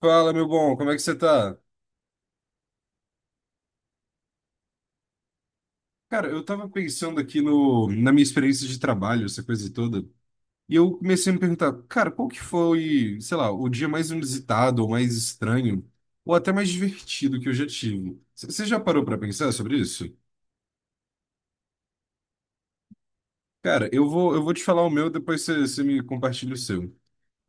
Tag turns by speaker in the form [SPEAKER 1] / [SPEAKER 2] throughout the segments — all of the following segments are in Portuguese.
[SPEAKER 1] Fala, meu bom, como é que você tá? Cara, eu tava pensando aqui no, na minha experiência de trabalho, essa coisa toda, e eu comecei a me perguntar, cara, qual que foi, sei lá, o dia mais inusitado, ou mais estranho, ou até mais divertido que eu já tive? Você já parou pra pensar sobre isso? Cara, eu vou te falar o meu, depois você me compartilha o seu.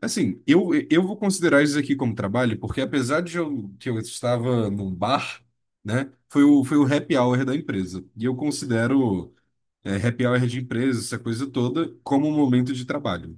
[SPEAKER 1] Assim, eu vou considerar isso aqui como trabalho, porque apesar de eu, que eu estava num bar, né, foi o happy hour da empresa, e eu considero. Happy hour de empresa, essa coisa toda, como um momento de trabalho.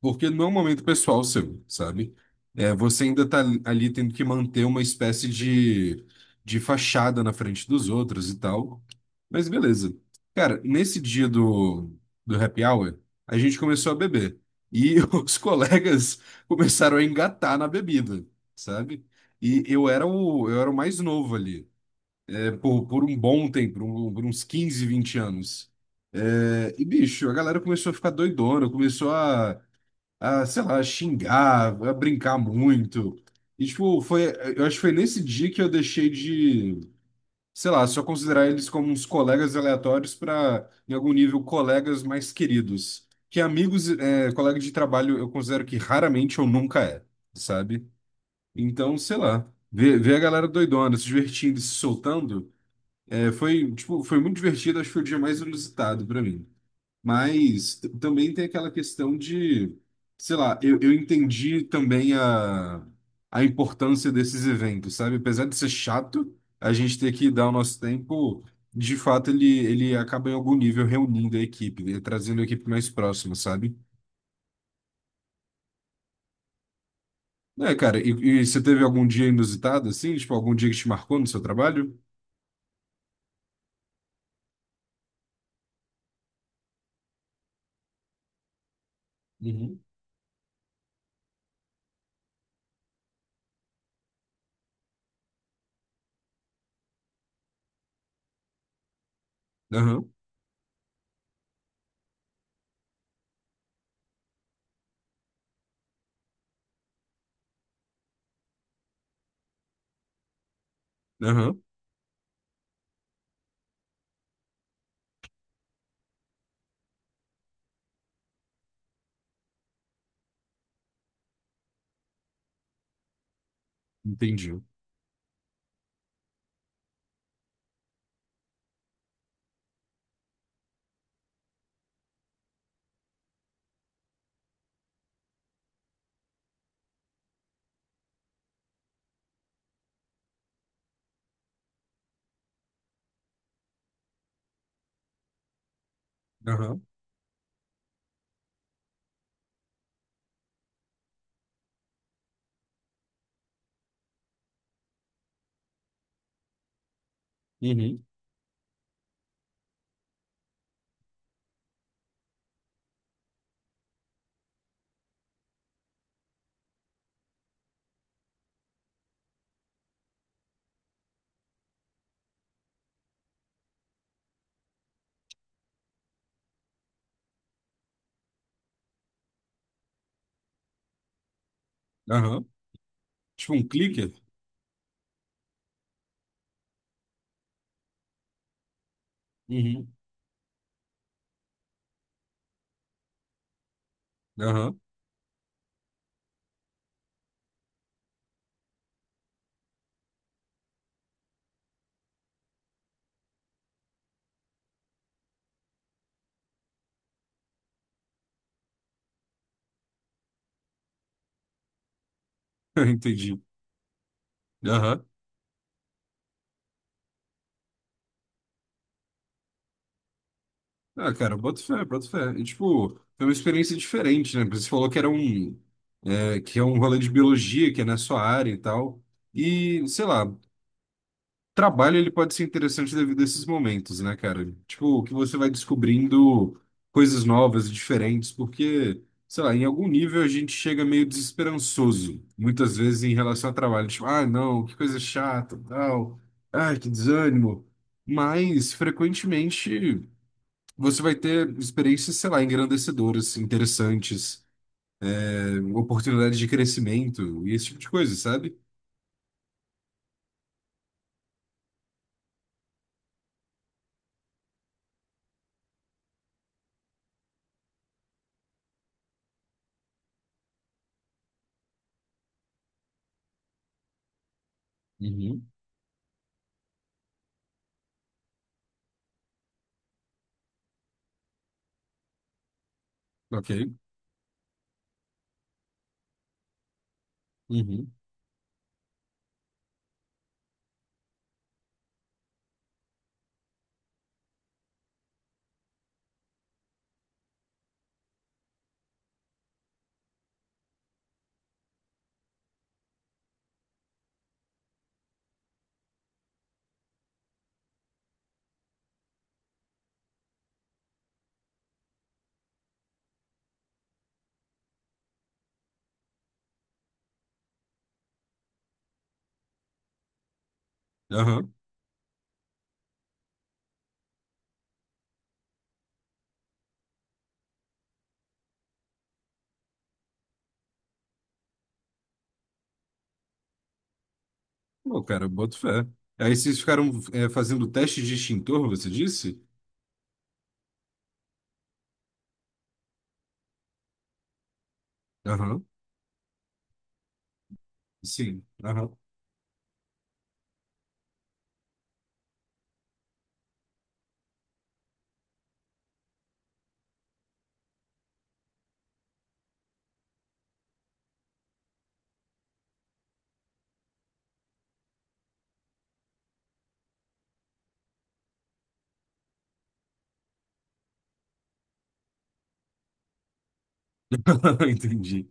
[SPEAKER 1] Porque não é um momento pessoal seu, sabe? É, você ainda tá ali tendo que manter uma espécie de fachada na frente dos outros e tal. Mas beleza. Cara, nesse do happy hour, a gente começou a beber. E os colegas começaram a engatar na bebida, sabe? E eu era o mais novo ali por um bom tempo, por uns 15, 20 anos. Bicho, a galera começou a ficar doidona, sei lá, xingar, a brincar muito. E, tipo, eu acho que foi nesse dia que eu deixei de, sei lá, só considerar eles como uns colegas aleatórios para, em algum nível, colegas mais queridos. Que amigos, é, colega de trabalho, eu considero que raramente ou nunca é, sabe? Então, sei lá, ver a galera doidona, se divertindo, e se soltando. É, foi muito divertido, acho que foi o dia mais inusitado para mim. Mas também tem aquela questão de, sei lá, eu entendi também a importância desses eventos, sabe? Apesar de ser chato, a gente ter que dar o nosso tempo, de fato ele acaba em algum nível reunindo a equipe, né? Trazendo a equipe mais próxima, sabe? É, cara, e você teve algum dia inusitado, assim? Tipo, algum dia que te marcou no seu trabalho? Uhum. Aham, aham, entendi. Aham, uhum. Aham. Tipo um clicker? Uhum. Aham, entendi. Aham. Ah, cara, boto fé, boto fé. E, tipo, foi uma experiência diferente, né? Porque você falou que era um... é, que é um rolê de biologia, que é na sua área e tal. E, sei lá, trabalho ele pode ser interessante devido a esses momentos, né, cara? Tipo, que você vai descobrindo coisas novas, diferentes, porque, sei lá, em algum nível a gente chega meio desesperançoso, muitas vezes em relação ao trabalho. Tipo, ah, não, que coisa chata, tal. Ai, que desânimo. Mas, frequentemente, você vai ter experiências, sei lá, engrandecedoras, interessantes, eh, oportunidades de crescimento e esse tipo de coisa, sabe? Uhum. Ok. Uhum. Aham. Pô, cara, boto fé. Aí vocês ficaram é, fazendo teste de extintor, você disse? Aham. Sim. Aham. Entendi.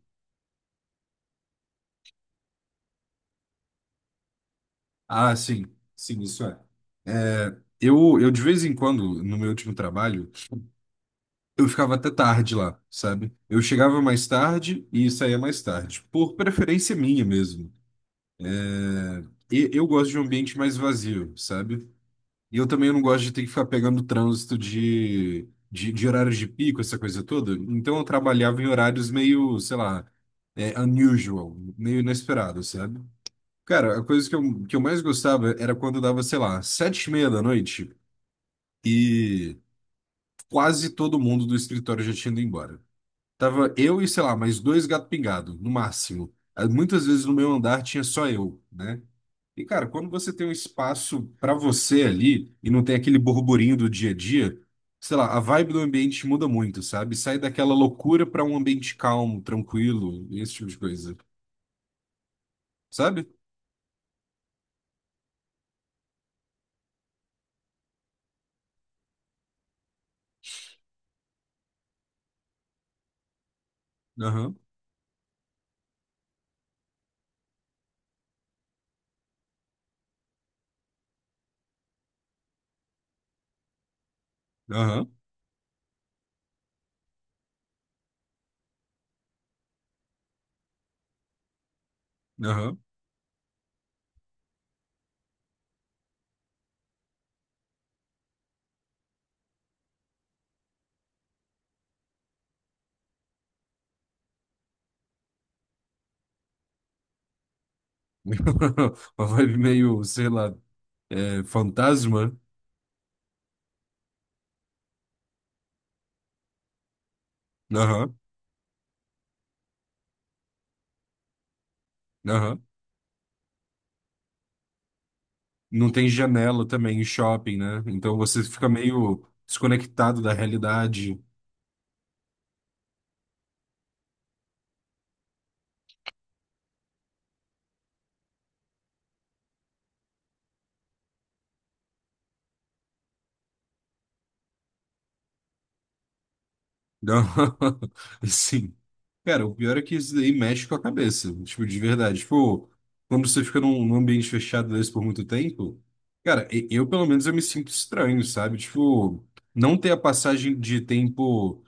[SPEAKER 1] Ah, sim. Sim, isso é. É, de vez em quando, no meu último trabalho, eu ficava até tarde lá, sabe? Eu chegava mais tarde e saía mais tarde, por preferência minha mesmo. E eu gosto de um ambiente mais vazio, sabe? E eu também não gosto de ter que ficar pegando trânsito de horários de pico, essa coisa toda. Então eu trabalhava em horários meio, sei lá, é, unusual, meio inesperado, sabe? Cara, a coisa que eu mais gostava era quando dava, sei lá, sete e meia da noite e quase todo mundo do escritório já tinha ido embora. Tava eu e, sei lá, mais dois gato pingado, no máximo. Ah, muitas vezes no meu andar tinha só eu, né? E, cara, quando você tem um espaço pra você ali e não tem aquele burburinho do dia a dia, sei lá, a vibe do ambiente muda muito, sabe? Sai daquela loucura pra um ambiente calmo, tranquilo, esse tipo de coisa, sabe? Aham, aham, aham. Uma vibe meio, sei lá, é, fantasma. Aham, aham. Não tem janela também em shopping, né? Então você fica meio desconectado da realidade. Não, assim, cara, o pior é que isso daí mexe com a cabeça, tipo, de verdade. Tipo, quando você fica num, num ambiente fechado desse por muito tempo, cara, eu pelo menos eu me sinto estranho, sabe? Tipo, não ter a passagem de tempo.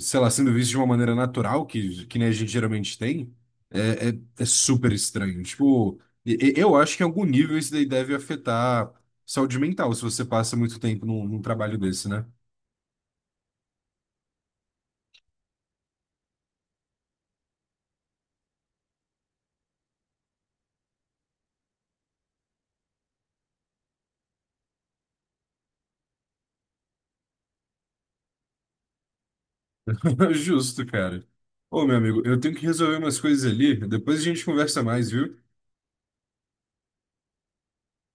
[SPEAKER 1] Sei lá, sendo visto de uma maneira natural, que nem a gente geralmente tem, é super estranho. Tipo, eu acho que em algum nível isso daí deve afetar saúde mental, se você passa muito tempo num, num trabalho desse, né? Justo, cara. Ô, meu amigo, eu tenho que resolver umas coisas ali, depois a gente conversa mais, viu?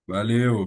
[SPEAKER 1] Valeu!